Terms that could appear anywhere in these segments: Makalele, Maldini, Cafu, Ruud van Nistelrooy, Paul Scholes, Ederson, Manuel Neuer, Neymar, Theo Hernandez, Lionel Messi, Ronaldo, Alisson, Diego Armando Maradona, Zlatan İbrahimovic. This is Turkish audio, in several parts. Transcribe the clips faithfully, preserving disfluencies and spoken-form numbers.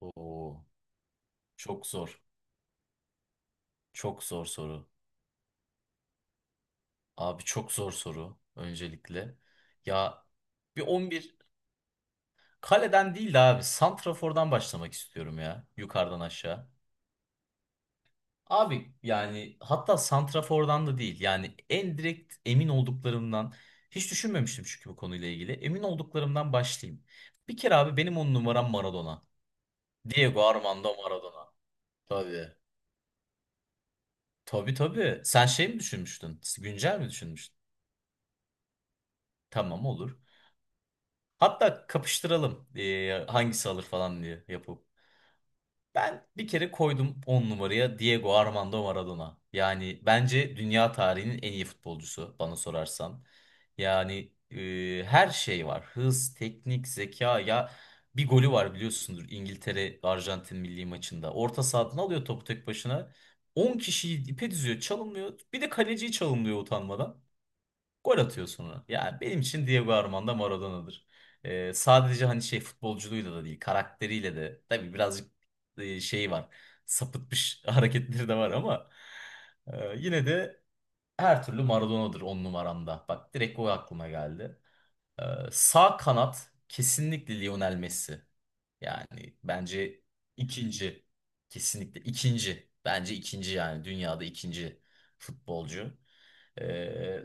Oo, çok zor. Çok zor soru. Abi çok zor soru öncelikle. Ya bir on bir kaleden değil de abi santrafordan başlamak istiyorum ya yukarıdan aşağı. Abi yani hatta santrafordan da değil. Yani en direkt emin olduklarımdan hiç düşünmemiştim çünkü bu konuyla ilgili. Emin olduklarımdan başlayayım. Bir kere abi benim on numaram Maradona. Diego Armando Maradona. Tabii. Tabii tabii. Sen şey mi düşünmüştün? Güncel mi düşünmüştün? Tamam olur. Hatta kapıştıralım eee, hangisi alır falan diye yapıp. Ben bir kere koydum on numaraya Diego Armando Maradona. Yani bence dünya tarihinin en iyi futbolcusu bana sorarsan. Yani eee, her şey var. Hız, teknik, zeka ya bir golü var biliyorsundur İngiltere Arjantin milli maçında. Orta sahadan alıyor topu tek başına. On kişiyi ipe diziyor, çalınmıyor. Bir de kaleciyi çalınmıyor utanmadan. Gol atıyor sonra. Yani benim için Diego Armando Maradona'dır. Ee, sadece hani şey futbolculuğuyla da değil, karakteriyle de tabii birazcık e, şey var. Sapıtmış hareketleri de var ama e, yine de her türlü Maradona'dır on numaramda. Bak direkt o aklıma geldi. Ee, sağ kanat kesinlikle Lionel Messi. Yani bence ikinci. Kesinlikle ikinci. Bence ikinci yani dünyada ikinci futbolcu. Ee,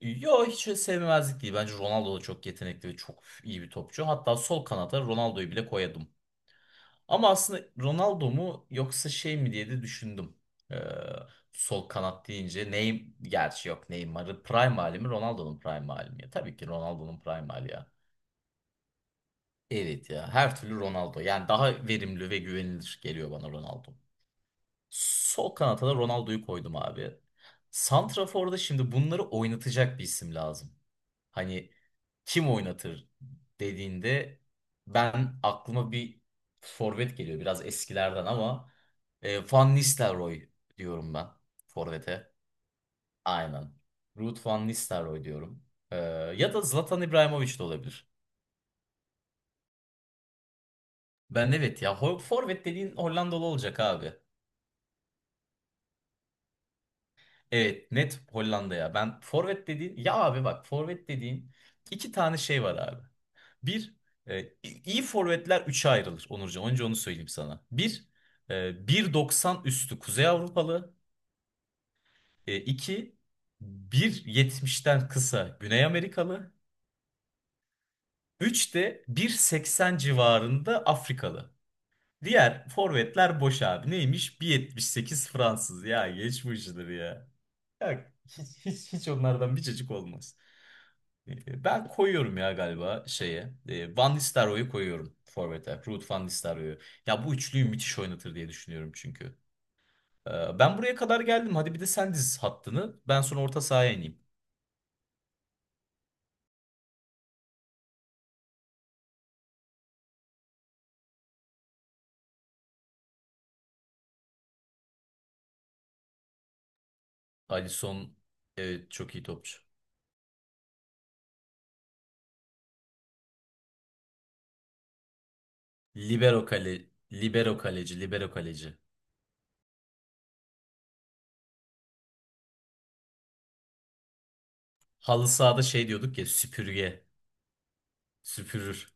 Yo hiç öyle değil. Bence Ronaldo da çok yetenekli ve çok iyi bir topçu. Hatta sol kanata Ronaldo'yu bile koyadım. Ama aslında Ronaldo mu yoksa şey mi diye de düşündüm. Ee, sol kanat deyince Neymar gerçi yok Neymar'ı prime hali mi Ronaldo'nun prime hali mi? Ya, tabii ki Ronaldo'nun prime hali ya. Evet ya her türlü Ronaldo. Yani daha verimli ve güvenilir geliyor bana Ronaldo. Sol kanata da Ronaldo'yu koydum abi. Santrafor'da şimdi bunları oynatacak bir isim lazım. Hani kim oynatır dediğinde ben aklıma bir forvet geliyor biraz eskilerden ama e, Van Nistelrooy diyorum ben forvete. Aynen. Ruud van Nistelrooy diyorum. E, ya da Zlatan İbrahimovic de olabilir. Ben evet ya ho- forvet dediğin Hollandalı olacak abi. Evet net Hollanda ya. Ben forvet dediğin ya abi bak forvet dediğin iki tane şey var abi. Bir e, i- iyi forvetler üçe ayrılır Onurcan. Önce onu söyleyeyim sana. Bir e, bir doksan üstü Kuzey Avrupalı. E, iki bir yetmişten kısa Güney Amerikalı. Üç de bir seksen civarında Afrikalı. Diğer forvetler boş abi. Neymiş? bir yetmiş sekiz Fransız. Ya geçmiştir ya. Ya hiç, hiç, hiç onlardan bir cacık olmaz. E, Ben koyuyorum ya galiba şeye. E, Van Nistelrooy'u koyuyorum forvete. Ruud van Nistelrooy'u. Ya bu üçlüyü müthiş oynatır diye düşünüyorum çünkü. E, Ben buraya kadar geldim. Hadi bir de sen diz hattını. Ben sonra orta sahaya ineyim. Alisson evet çok iyi topçu. Libero kale, libero kaleci, libero kaleci. Halı sahada şey diyorduk ya süpürge, süpürür.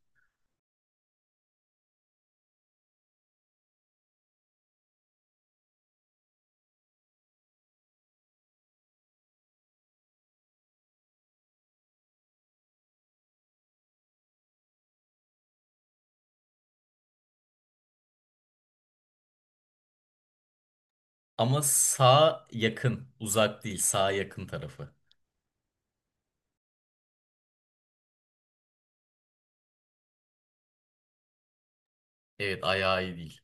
Ama sağ yakın, uzak değil, sağ yakın tarafı. Evet ayağı iyi değil.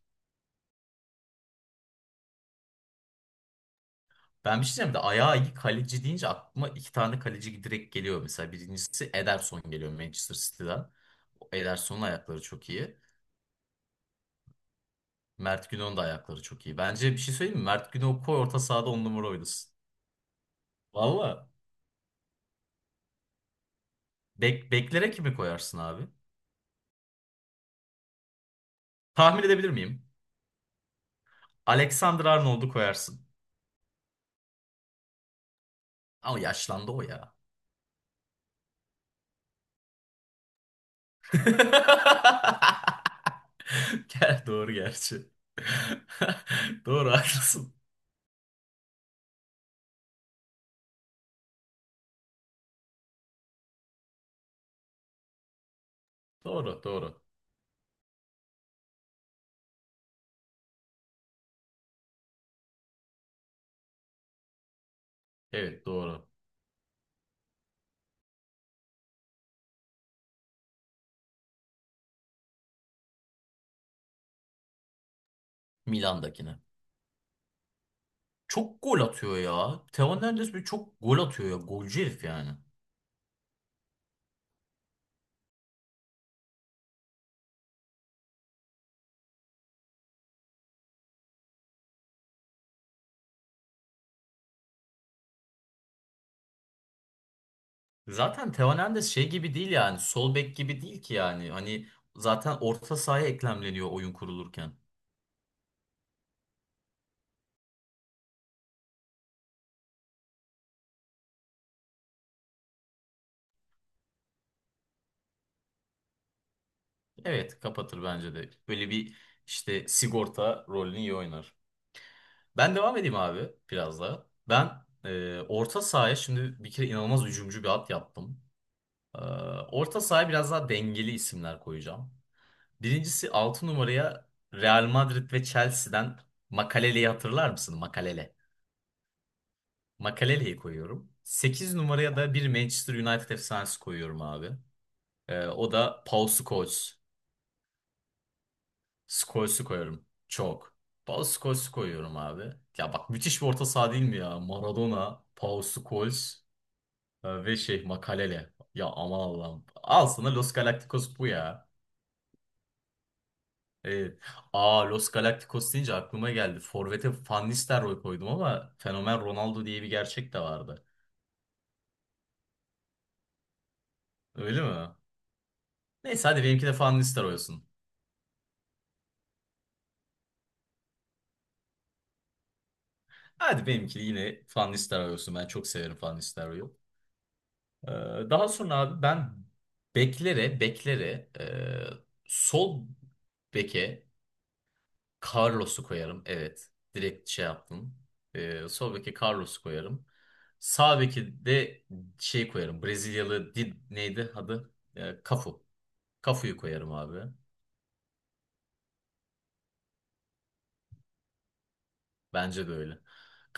Ben bir şey diyeceğim de ayağı iyi kaleci deyince aklıma iki tane kaleci direkt geliyor. Mesela birincisi Ederson geliyor Manchester City'den. O Ederson'un ayakları çok iyi. Mert Günok'un da ayakları çok iyi. Bence bir şey söyleyeyim mi? Mert Günok'u koy orta sahada on numara oynasın. Valla. Bek, beklere kimi koyarsın abi? Tahmin edebilir miyim? Alexander Arnold'u koyarsın. Ama yaşlandı o ya. Gel doğru gerçi. Doğru haklısın. Doğru doğru. Evet doğru. Milan'dakine. Çok gol atıyor ya. Theo Hernandez bir çok gol atıyor ya. Golcü herif yani. Zaten Theo Hernandez şey gibi değil yani. Sol bek gibi değil ki yani. Hani zaten orta sahaya eklemleniyor oyun kurulurken. Evet kapatır bence de. Böyle bir işte sigorta rolünü iyi oynar. Ben devam edeyim abi biraz daha. Ben e, orta sahaya şimdi bir kere inanılmaz hücumcu bir at yaptım. E, orta sahaya biraz daha dengeli isimler koyacağım. Birincisi altı numaraya Real Madrid ve Chelsea'den Makalele'yi hatırlar mısın? Makalele. Makalele'yi koyuyorum. Sekiz numaraya da bir Manchester United efsanesi koyuyorum abi. Ee, o da Paul Scholes. Scholes'u koyuyorum. Çok. Paul Scholes'u koyuyorum abi. Ya bak müthiş bir orta saha değil mi ya? Maradona, Paul Scholes e, ve şey Makalele. Ya aman Allah'ım. Al sana Los Galacticos bu ya. Evet. Aa Los Galacticos deyince aklıma geldi. Forvet'e Van Nistelrooy koydum ama fenomen Ronaldo diye bir gerçek de vardı. Öyle mi? Neyse hadi benimki de Van Nistelrooy olsun. Hadi benimki de yine Van Nistelrooy olsun. Ben çok severim Van Nistelrooy'u. Ee, daha sonra abi ben beklere beklere e, sol beke Carlos'u koyarım. Evet. Direkt şey yaptım. Ee, sol beke Carlos'u koyarım. Sağ beke de şey koyarım. Brezilyalı Did neydi adı? Ee, Cafu. Cafu'yu koyarım abi. Bence de öyle.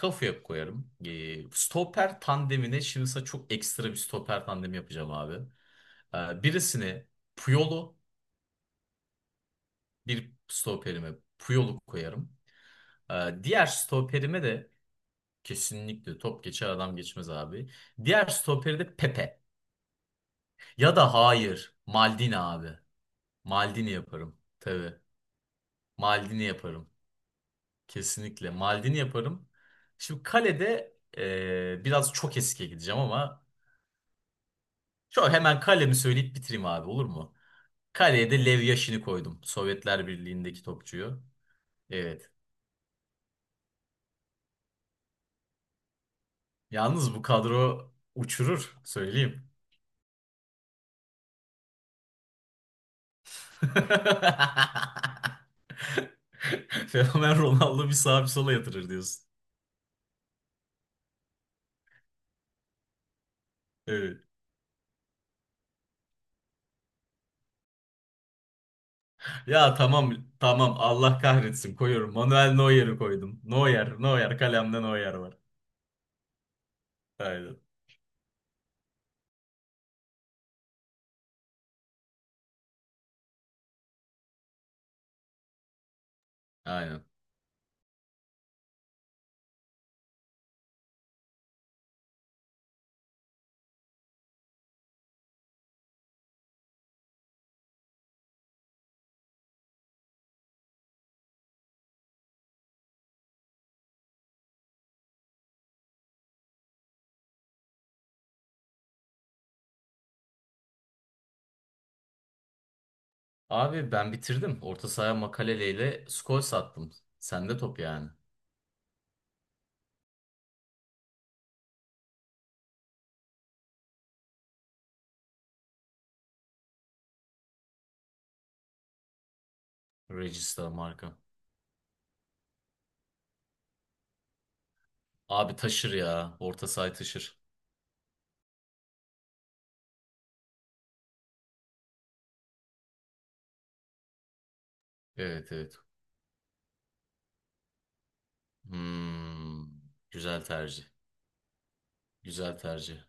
Cafu'ya koyarım. Ee, stoper tandemine şimdi sana çok ekstra bir stoper tandemi yapacağım abi. Ee, birisini Puyol'u bir stoperime Puyol'u koyarım. Ee, diğer stoperime de kesinlikle top geçer adam geçmez abi. Diğer stoperi de Pepe. Ya da hayır. Maldini abi. Maldini yaparım. Tabii. Maldini yaparım. Kesinlikle. Maldini yaparım. Şimdi kalede eee, biraz çok eskiye gideceğim ama şu hemen kalemi söyleyip bitireyim abi olur mu? Kaleye de Lev Yashin'i koydum. Sovyetler Birliği'ndeki topçuyu. Evet. Yalnız bu kadro uçurur. Söyleyeyim. Fenomen Ronaldo bir sağa bir sola yatırır diyorsun. Evet. Ya tamam tamam Allah kahretsin koyuyorum. Manuel Neuer'i koydum. Neuer, Neuer kalemde Neuer var. Aynen. Aynen. Abi ben bitirdim. Orta saha makaleleyle skor sattım. Sende top yani. Regista marka. Abi taşır ya. Orta sahayı taşır. Evet evet. Hmm, güzel tercih. Güzel tercih.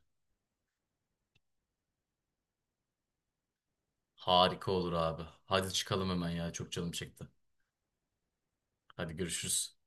Harika olur abi. Hadi çıkalım hemen ya. Çok canım çekti. Hadi görüşürüz.